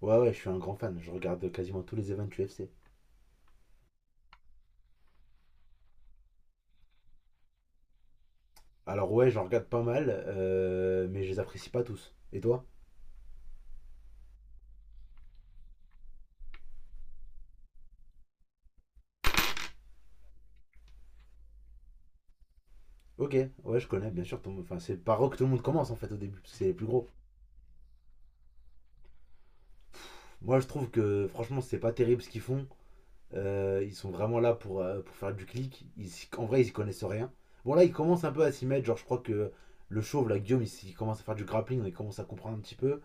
Ouais, ouais, je suis un grand fan. Je regarde quasiment tous les events UFC. Alors, ouais, j'en regarde pas mal, mais je les apprécie pas tous. Et toi? Ok, ouais, je connais, bien sûr. Enfin, c'est par eux que tout le monde commence en fait au début, parce que c'est les plus gros. Moi, je trouve que franchement, c'est pas terrible ce qu'ils font. Ils sont vraiment là pour faire du clic. En vrai, ils y connaissent rien. Bon, là, ils commencent un peu à s'y mettre. Genre, je crois que le chauve, là, Guillaume, il commence à faire du grappling, il commence à comprendre un petit peu.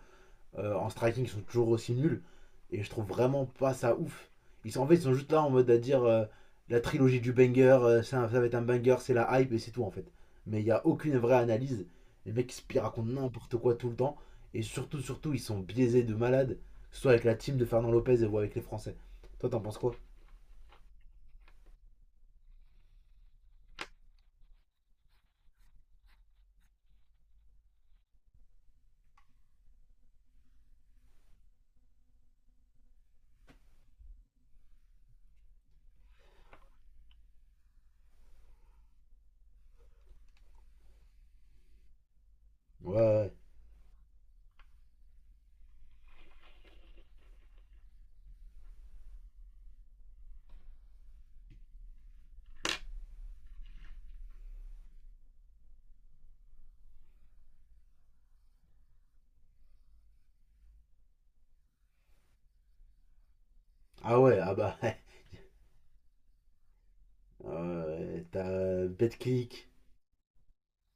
En striking ils sont toujours aussi nuls. Et je trouve vraiment pas ça ouf. Ils sont juste là en mode à dire la trilogie du banger, ça, ça va être un banger, c'est la hype et c'est tout en fait. Mais il n'y a aucune vraie analyse. Les mecs ils se racontent n'importe quoi tout le temps. Et surtout, surtout, ils sont biaisés de malades. Que ce soit avec la team de Fernand Lopez ou avec les Français. Toi, t'en penses quoi? Ouais, ouais. Ah ouais, ah bah. Ouais, t'as Betclic.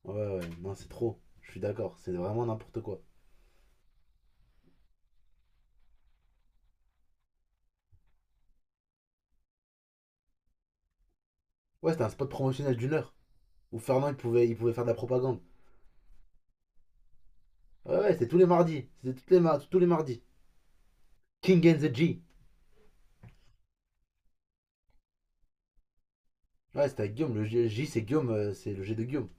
Ouais, ouais, non, c'est trop. Je suis d'accord, c'est vraiment n'importe quoi. Ouais, c'était un spot promotionnel d'une heure, où Fernand il pouvait faire de la propagande. Ouais, ouais, c'était tous les mardis. C'était tous les mardis. King and the G. Ouais, c'était avec Guillaume. C'est Guillaume, c'est le G de Guillaume.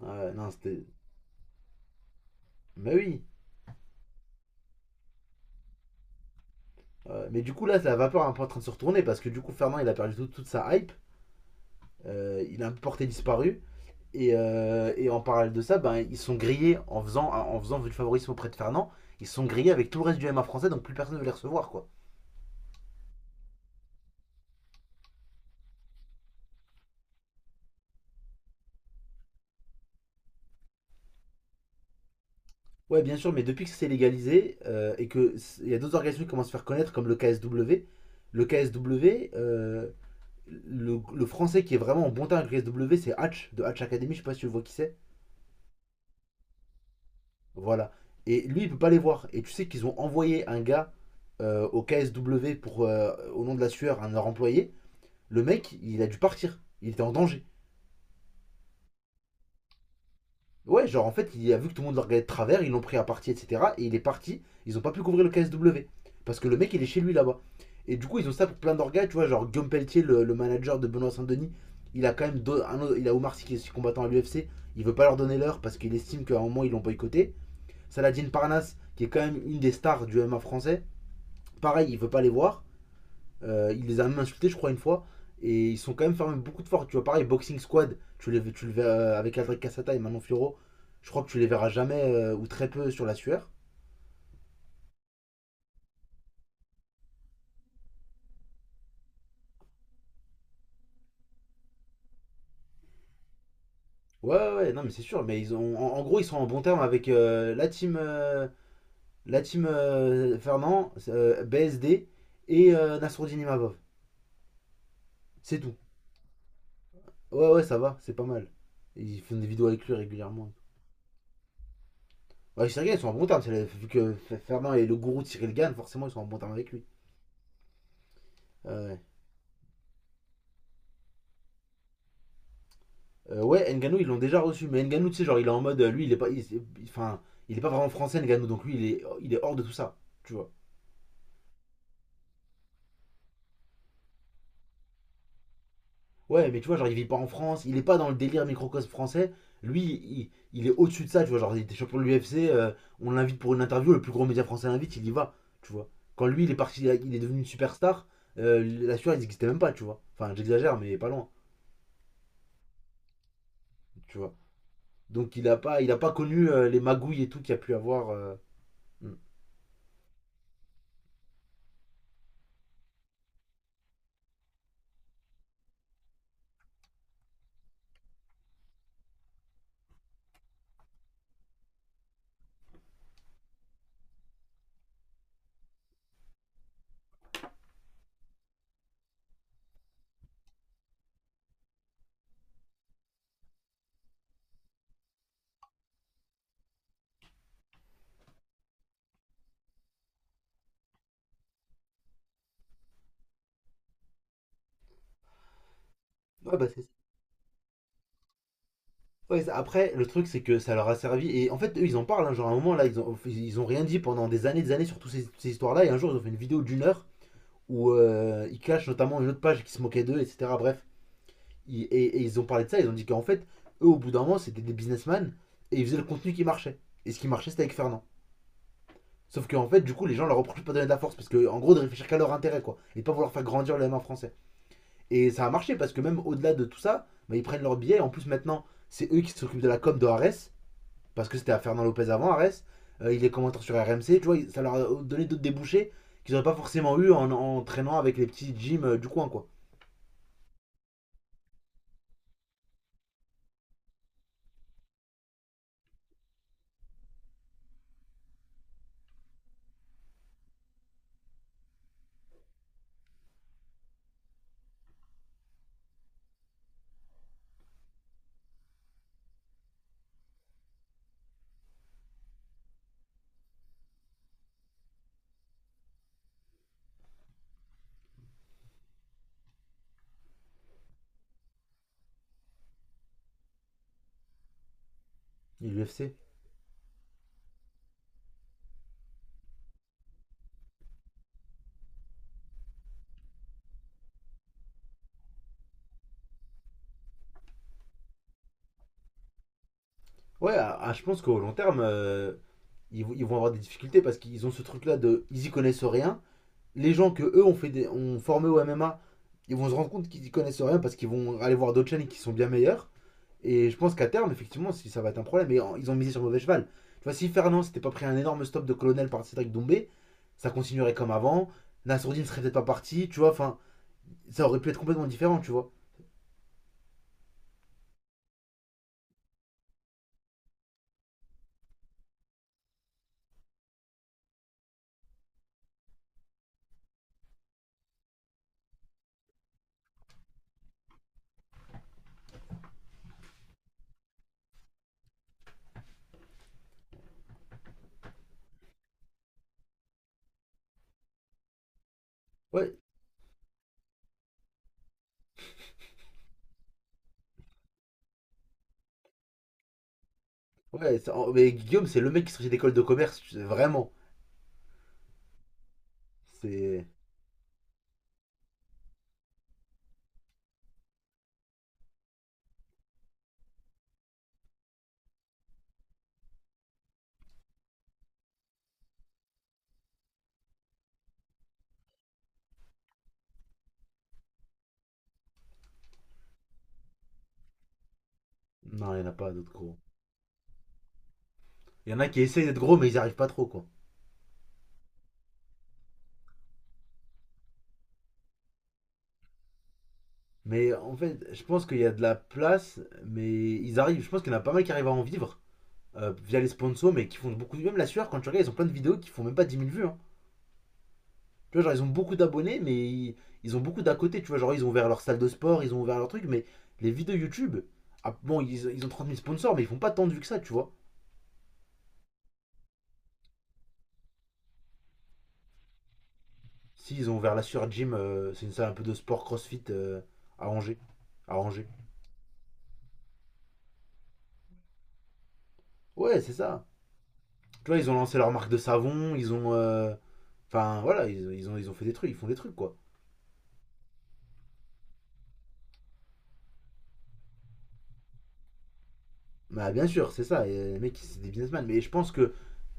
Ouais, non, c'était. Mais oui. Mais du coup, là, la vapeur est un peu en train de se retourner parce que du coup, Fernand il a perdu tout- toute sa hype. Il a porté disparu. Et en parallèle de ça, ben, ils sont grillés en faisant du favorisme auprès de Fernand. Ils sont grillés avec tout le reste du m MMA français, donc plus personne ne veut les recevoir, quoi. Ouais, bien sûr, mais depuis que c'est légalisé et il y a d'autres organisations qui commencent à se faire connaître, comme le KSW, le KSW, euh, le français qui est vraiment en bon terme avec le KSW, c'est Hatch, de Hatch Academy, je sais pas si tu vois qui c'est. Voilà. Et lui, il peut pas les voir. Et tu sais qu'ils ont envoyé un gars au KSW pour, au nom de la sueur, un de leur employé. Le mec, il a dû partir. Il était en danger. Ouais, genre en fait, il a vu que tout le monde le regardait de travers, ils l'ont pris à partie, etc. Et il est parti, ils ont pas pu couvrir le KSW. Parce que le mec, il est chez lui là-bas. Et du coup, ils ont ça pour plein d'orgas, tu vois, genre Guillaume Pelletier, le manager de Benoît Saint-Denis, il a quand même deux- un autre- il a Omar Sy qui est combattant à l'UFC, il veut pas leur donner l'heure parce qu'il estime qu'à un moment ils l'ont boycotté. Saladin Parnasse, qui est quand même une des stars du MMA français, pareil, il veut pas les voir. Il les a même insultés, je crois, une fois. Et ils sont quand même fermés beaucoup de force. Tu vois, pareil, Boxing Squad, tu le verras avec Aldric Cassata et Manon Fioro. Je crois que tu les verras jamais ou très peu sur la sueur. Ouais, ouais, ouais, non, mais c'est sûr. Mais ils ont, en, en gros, ils sont en bon terme avec la team Fernand, BSD et Nassourdine Imavov. C'est tout. Ouais, ouais, ça va, c'est pas mal. Ils font des vidéos avec lui régulièrement. Ouais, Cyril Gann, ils sont en bon terme. Fernand est le gourou de Cyril Gann, forcément, ils sont en bon terme avec lui. Ouais, ouais. Ouais, Ngannou ils l'ont déjà reçu. Mais Ngannou tu sais, genre, il est en mode. Lui, il est pas. Il- Enfin, il est pas vraiment français, Ngannou. Donc, lui, il est hors de tout ça. Tu vois. Ouais, mais tu vois, genre, il vit pas en France. Il est pas dans le délire microcosme français. Lui, il est au-dessus de ça. Tu vois, genre, il était champion de l'UFC. On l'invite pour une interview. Le plus gros média français l'invite. Il y va. Tu vois. Quand lui, il est parti. Il est devenu une superstar. La sueur, elle n'existait même pas. Tu vois. Enfin, j'exagère, mais pas loin. Tu vois. Donc, il a pas connu les magouilles et tout qu'il y a pu avoir. Ouais, bah c'est. Ouais, après, le truc, c'est que ça leur a servi. Et en fait, eux, ils en parlent, hein. Genre, à un moment, là, ils ont rien dit pendant des années sur toutes ces histoires-là. Et un jour, ils ont fait une vidéo d'une heure où ils clashent notamment une autre page qui se moquait d'eux, etc. Bref. Et ils ont parlé de ça. Ils ont dit qu'en fait, eux, au bout d'un moment, c'était des businessmen et ils faisaient le contenu qui marchait. Et ce qui marchait, c'était avec Fernand. Sauf qu'en fait, du coup, les gens leur reprochent de pas donner de la force parce que, en gros, de réfléchir qu'à leur intérêt, quoi. Et de pas vouloir faire grandir le M1 français. Et ça a marché parce que même au-delà de tout ça, bah, ils prennent leur billet. En plus, maintenant, c'est eux qui s'occupent de la com de Ares. Parce que c'était à Fernand Lopez avant, Arès. Il est commentateur sur RMC, tu vois, ça leur a donné d'autres débouchés qu'ils n'auraient pas forcément eu en, en traînant avec les petits gyms du coin, quoi. Et l'UFC. Ouais, ah, ah, je pense qu'au long terme, ils vont avoir des difficultés parce qu'ils ont ce truc-là de. Ils y connaissent rien. Les gens que eux ont, fait des, ont formé au MMA, ils vont se rendre compte qu'ils y connaissent rien parce qu'ils vont aller voir d'autres chaînes qui sont bien meilleures. Et je pense qu'à terme, effectivement, si ça va être un problème. Et ils ont misé sur le mauvais cheval. Tu vois, si Fernand s'était pas pris un énorme stop de colonel par Cédric Doumbé, ça continuerait comme avant. Nassourdine serait peut-être pas parti, tu vois. Enfin, ça aurait pu être complètement différent, tu vois. Ouais, ouais. Oh, mais Guillaume, c'est le mec qui sortit d'école de commerce, tu sais, vraiment. C'est. Non, il n'y en a pas d'autres gros. Il y en a qui essayent d'être gros, mais ils n'y arrivent pas trop, quoi. Mais en fait, je pense qu'il y a de la place, mais ils arrivent. Je pense qu'il y en a pas mal qui arrivent à en vivre via les sponsors, mais qui font beaucoup. Même la sueur, quand tu regardes, ils ont plein de vidéos qui font même pas 10 000 vues, hein. Tu vois, genre, ils ont beaucoup d'abonnés, mais ils ont beaucoup d'à côté. Tu vois, genre, ils ont ouvert leur salle de sport, ils ont ouvert leur truc, mais les vidéos YouTube, ah, bon, ils ont 30 000 sponsors, mais ils font pas tant de vues que ça, tu vois. Si, ils ont ouvert la Sur Gym, c'est une salle un peu de sport crossfit à Angers. À Angers. Ouais, c'est ça. Tu vois, ils ont lancé leur marque de savon, ils ont. Enfin, voilà, ils ont fait des trucs, ils font des trucs, quoi. Bah, bien sûr, c'est ça. Et les mecs, c'est des businessmen. Mais je pense que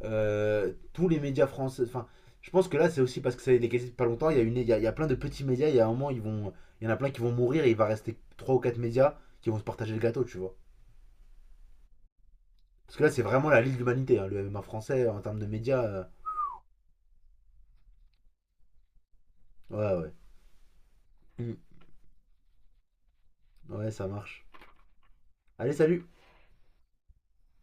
tous les médias français. Enfin, je pense que là, c'est aussi parce que ça a été cassé depuis pas longtemps. Il y a plein de petits médias. Il y a un moment, il y en a plein qui vont mourir et il va rester 3 ou 4 médias qui vont se partager le gâteau, tu vois. Parce que là, c'est vraiment la Ligue de l'humanité, hein, le MMA français, en termes de médias. Ouais, ouais. Mm. Ouais, ça marche. Allez, salut!